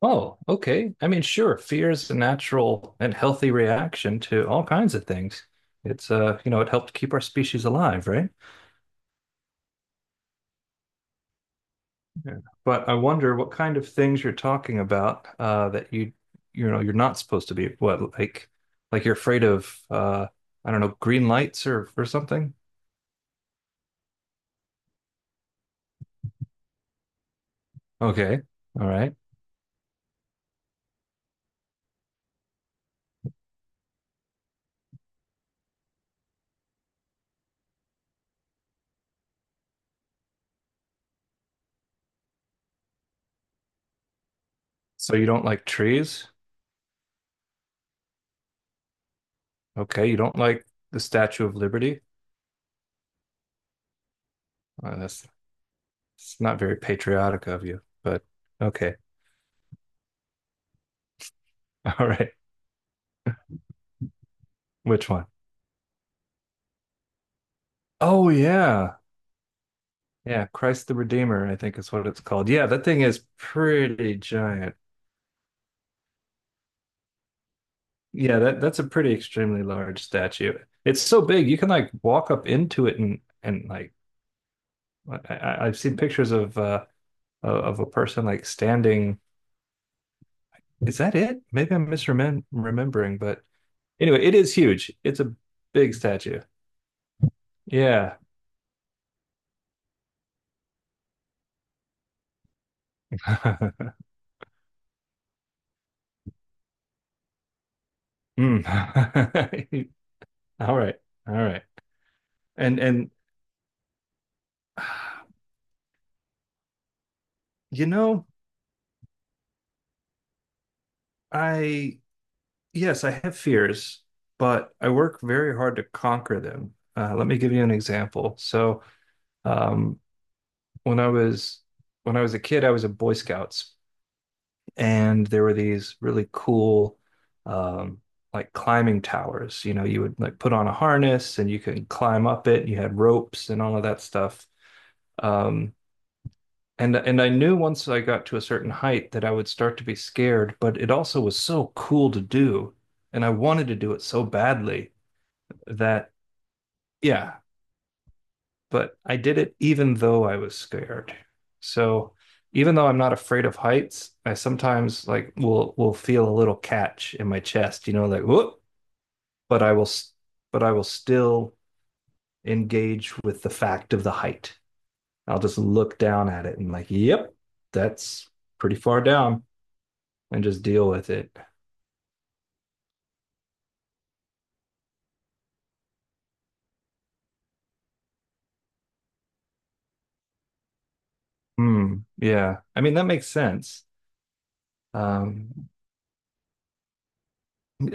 Oh, okay. I mean, sure, fear is a natural and healthy reaction to all kinds of things. It's you know, it helped keep our species alive, right? Yeah. But I wonder what kind of things you're talking about that you're not supposed to be what like you're afraid of I don't know, green lights or something? Okay. All right. So you don't like trees? Okay, you don't like the Statue of Liberty? That's it's not very patriotic of you, but okay. All right. Which one? Oh yeah. Yeah, Christ the Redeemer, I think is what it's called. Yeah, that thing is pretty giant. Yeah, that's a pretty extremely large statue. It's so big you can like walk up into it and like I've seen pictures of of a person like standing. Is that it? Maybe I'm remembering, but anyway, it is huge. It's a big statue. Yeah. Mm. All right. All right. And you know, I Yes, I have fears, but I work very hard to conquer them. Let me give you an example. So, um, when I was when I was a kid, I was in Boy Scouts, and there were these really cool, um, like climbing towers. You know, you would like put on a harness and you could climb up it. You had ropes and all of that stuff. Um, and I knew once I got to a certain height that I would start to be scared, but it also was so cool to do, and I wanted to do it so badly that yeah but I did it even though I was scared. So even though I'm not afraid of heights, I sometimes like will feel a little catch in my chest, you know, like whoop. but i will but I will still engage with the fact of the height. I'll just look down at it and like, yep, that's pretty far down and just deal with it. Hmm, yeah, I mean that makes sense. um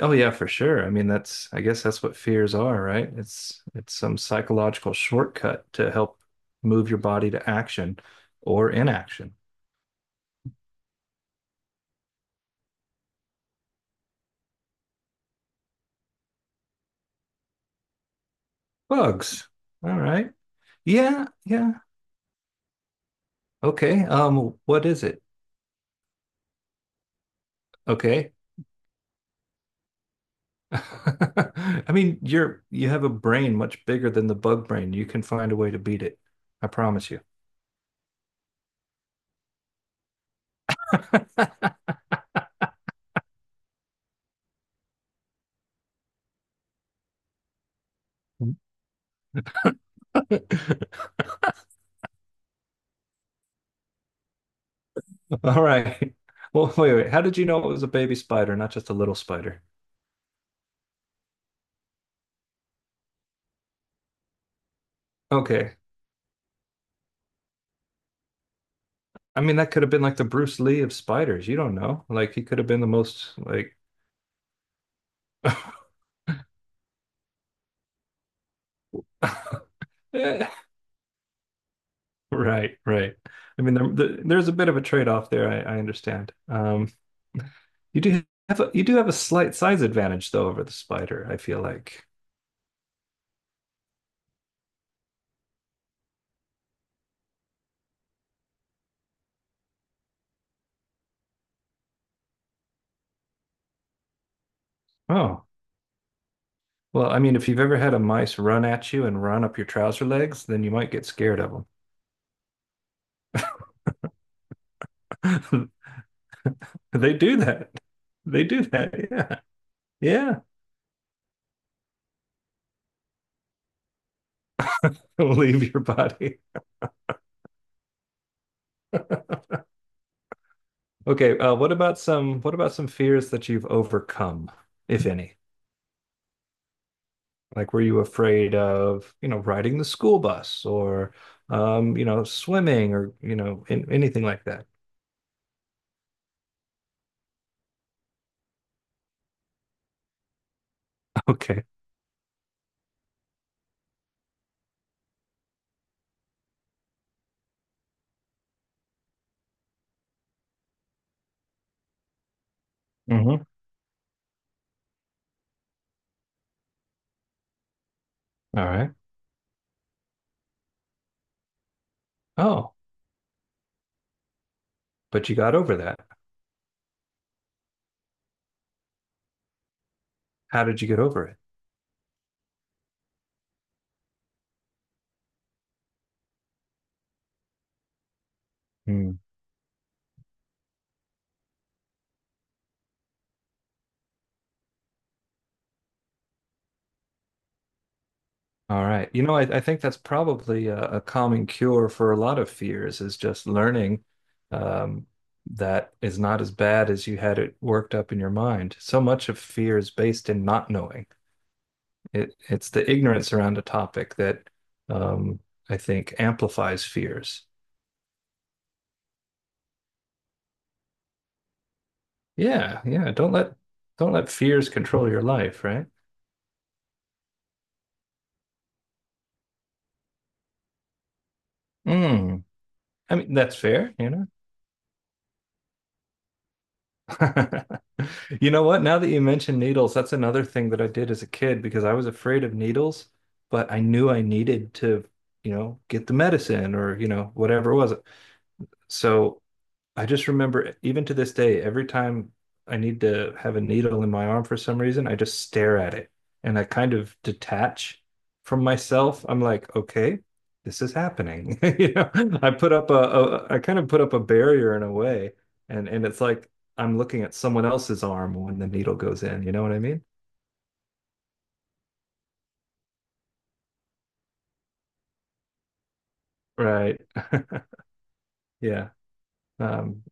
Oh yeah, for sure. I mean, that's I guess that's what fears are, right? It's some psychological shortcut to help move your body to action or inaction. Bugs. All right. Yeah, yeah. Okay. What is it? Okay. I mean, you're you have a brain much bigger than the bug brain. You can find a way to beat it. I promise you. All right. Well, wait, wait. How did you know it was a baby spider, not just a little spider? Okay. I mean, that could have been like the Bruce Lee of spiders. You don't know. Like he could have been the most like. Eh, right, right. I mean, there's a bit of a trade-off there. I understand. You do have a, you do have a slight size advantage though over the spider. I feel like. Oh, well, I mean, if you've ever had a mice run at you and run up your trouser legs, then you might get scared of them. They do that. They do that. Yeah, yeah. Leave your body. Okay, what about some fears that you've overcome, if any? Like, were you afraid of, you know, riding the school bus or, you know, swimming or, anything like that? Okay. Hmm. All right. Oh, but you got over that. How did you get over it? Hmm. All right. You know, I think that's probably a common cure for a lot of fears is just learning, um, that is not as bad as you had it worked up in your mind. So much of fear is based in not knowing. It's the ignorance around a topic that um, I think amplifies fears. Yeah, yeah. Don't let fears control your life, right? Mm. I mean, that's fair, you know. You know what? Now that you mention needles, that's another thing that I did as a kid because I was afraid of needles, but I knew I needed to, you know, get the medicine or, you know, whatever it was. So I just remember, even to this day, every time I need to have a needle in my arm for some reason, I just stare at it and I kind of detach from myself. I'm like, okay, this is happening. You know, I put up I kind of put up a barrier in a way, and it's like I'm looking at someone else's arm when the needle goes in. You know what I mean? Right. Yeah. Um,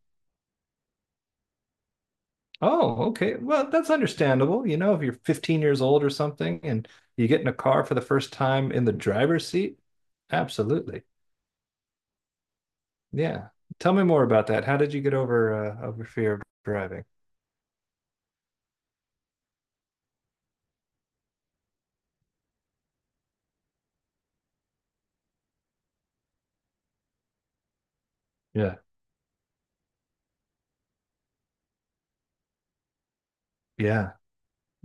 oh, okay. Well, that's understandable. You know, if you're 15 years old or something and you get in a car for the first time in the driver's seat, absolutely. Yeah. Tell me more about that. How did you get over over fear of driving? Yeah. Yeah.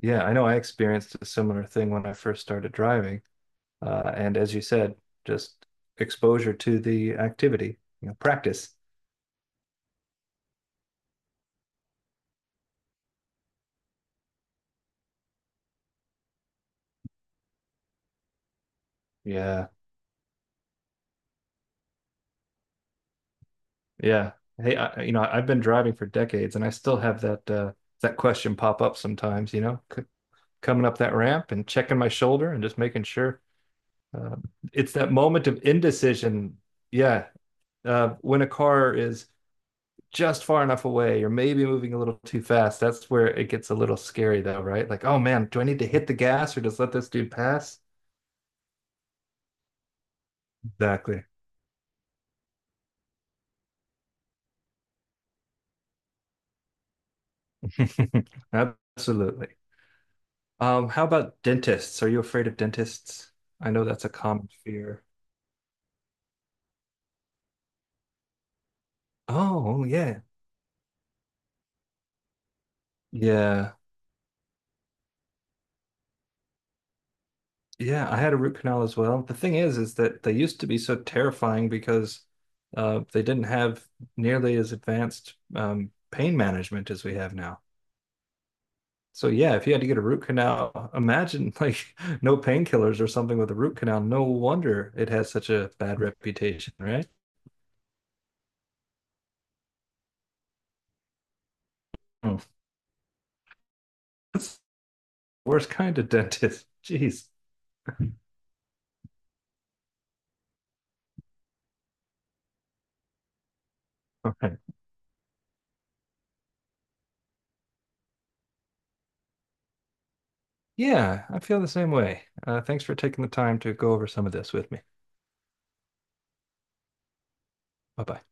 Yeah, I know I experienced a similar thing when I first started driving. And as you said, just exposure to the activity, you know, practice. Yeah. Yeah. Hey, I, you know, I've been driving for decades and I still have that that question pop up sometimes, you know. C- coming up that ramp and checking my shoulder and just making sure. Uh, it's that moment of indecision. Yeah. When a car is just far enough away or maybe moving a little too fast, that's where it gets a little scary, though, right? Like, oh man, do I need to hit the gas or just let this dude pass? Exactly. Absolutely. How about dentists? Are you afraid of dentists? I know that's a common fear. Oh, yeah. Yeah. Yeah, I had a root canal as well. The thing is that they used to be so terrifying because they didn't have nearly as advanced pain management as we have now. So yeah, if you had to get a root canal, imagine like no painkillers or something with a root canal. No wonder it has such a bad reputation, right? Oh, that's the worst kind of dentist. Jeez. All right. Yeah, I feel the same way. Thanks for taking the time to go over some of this with me. Bye bye.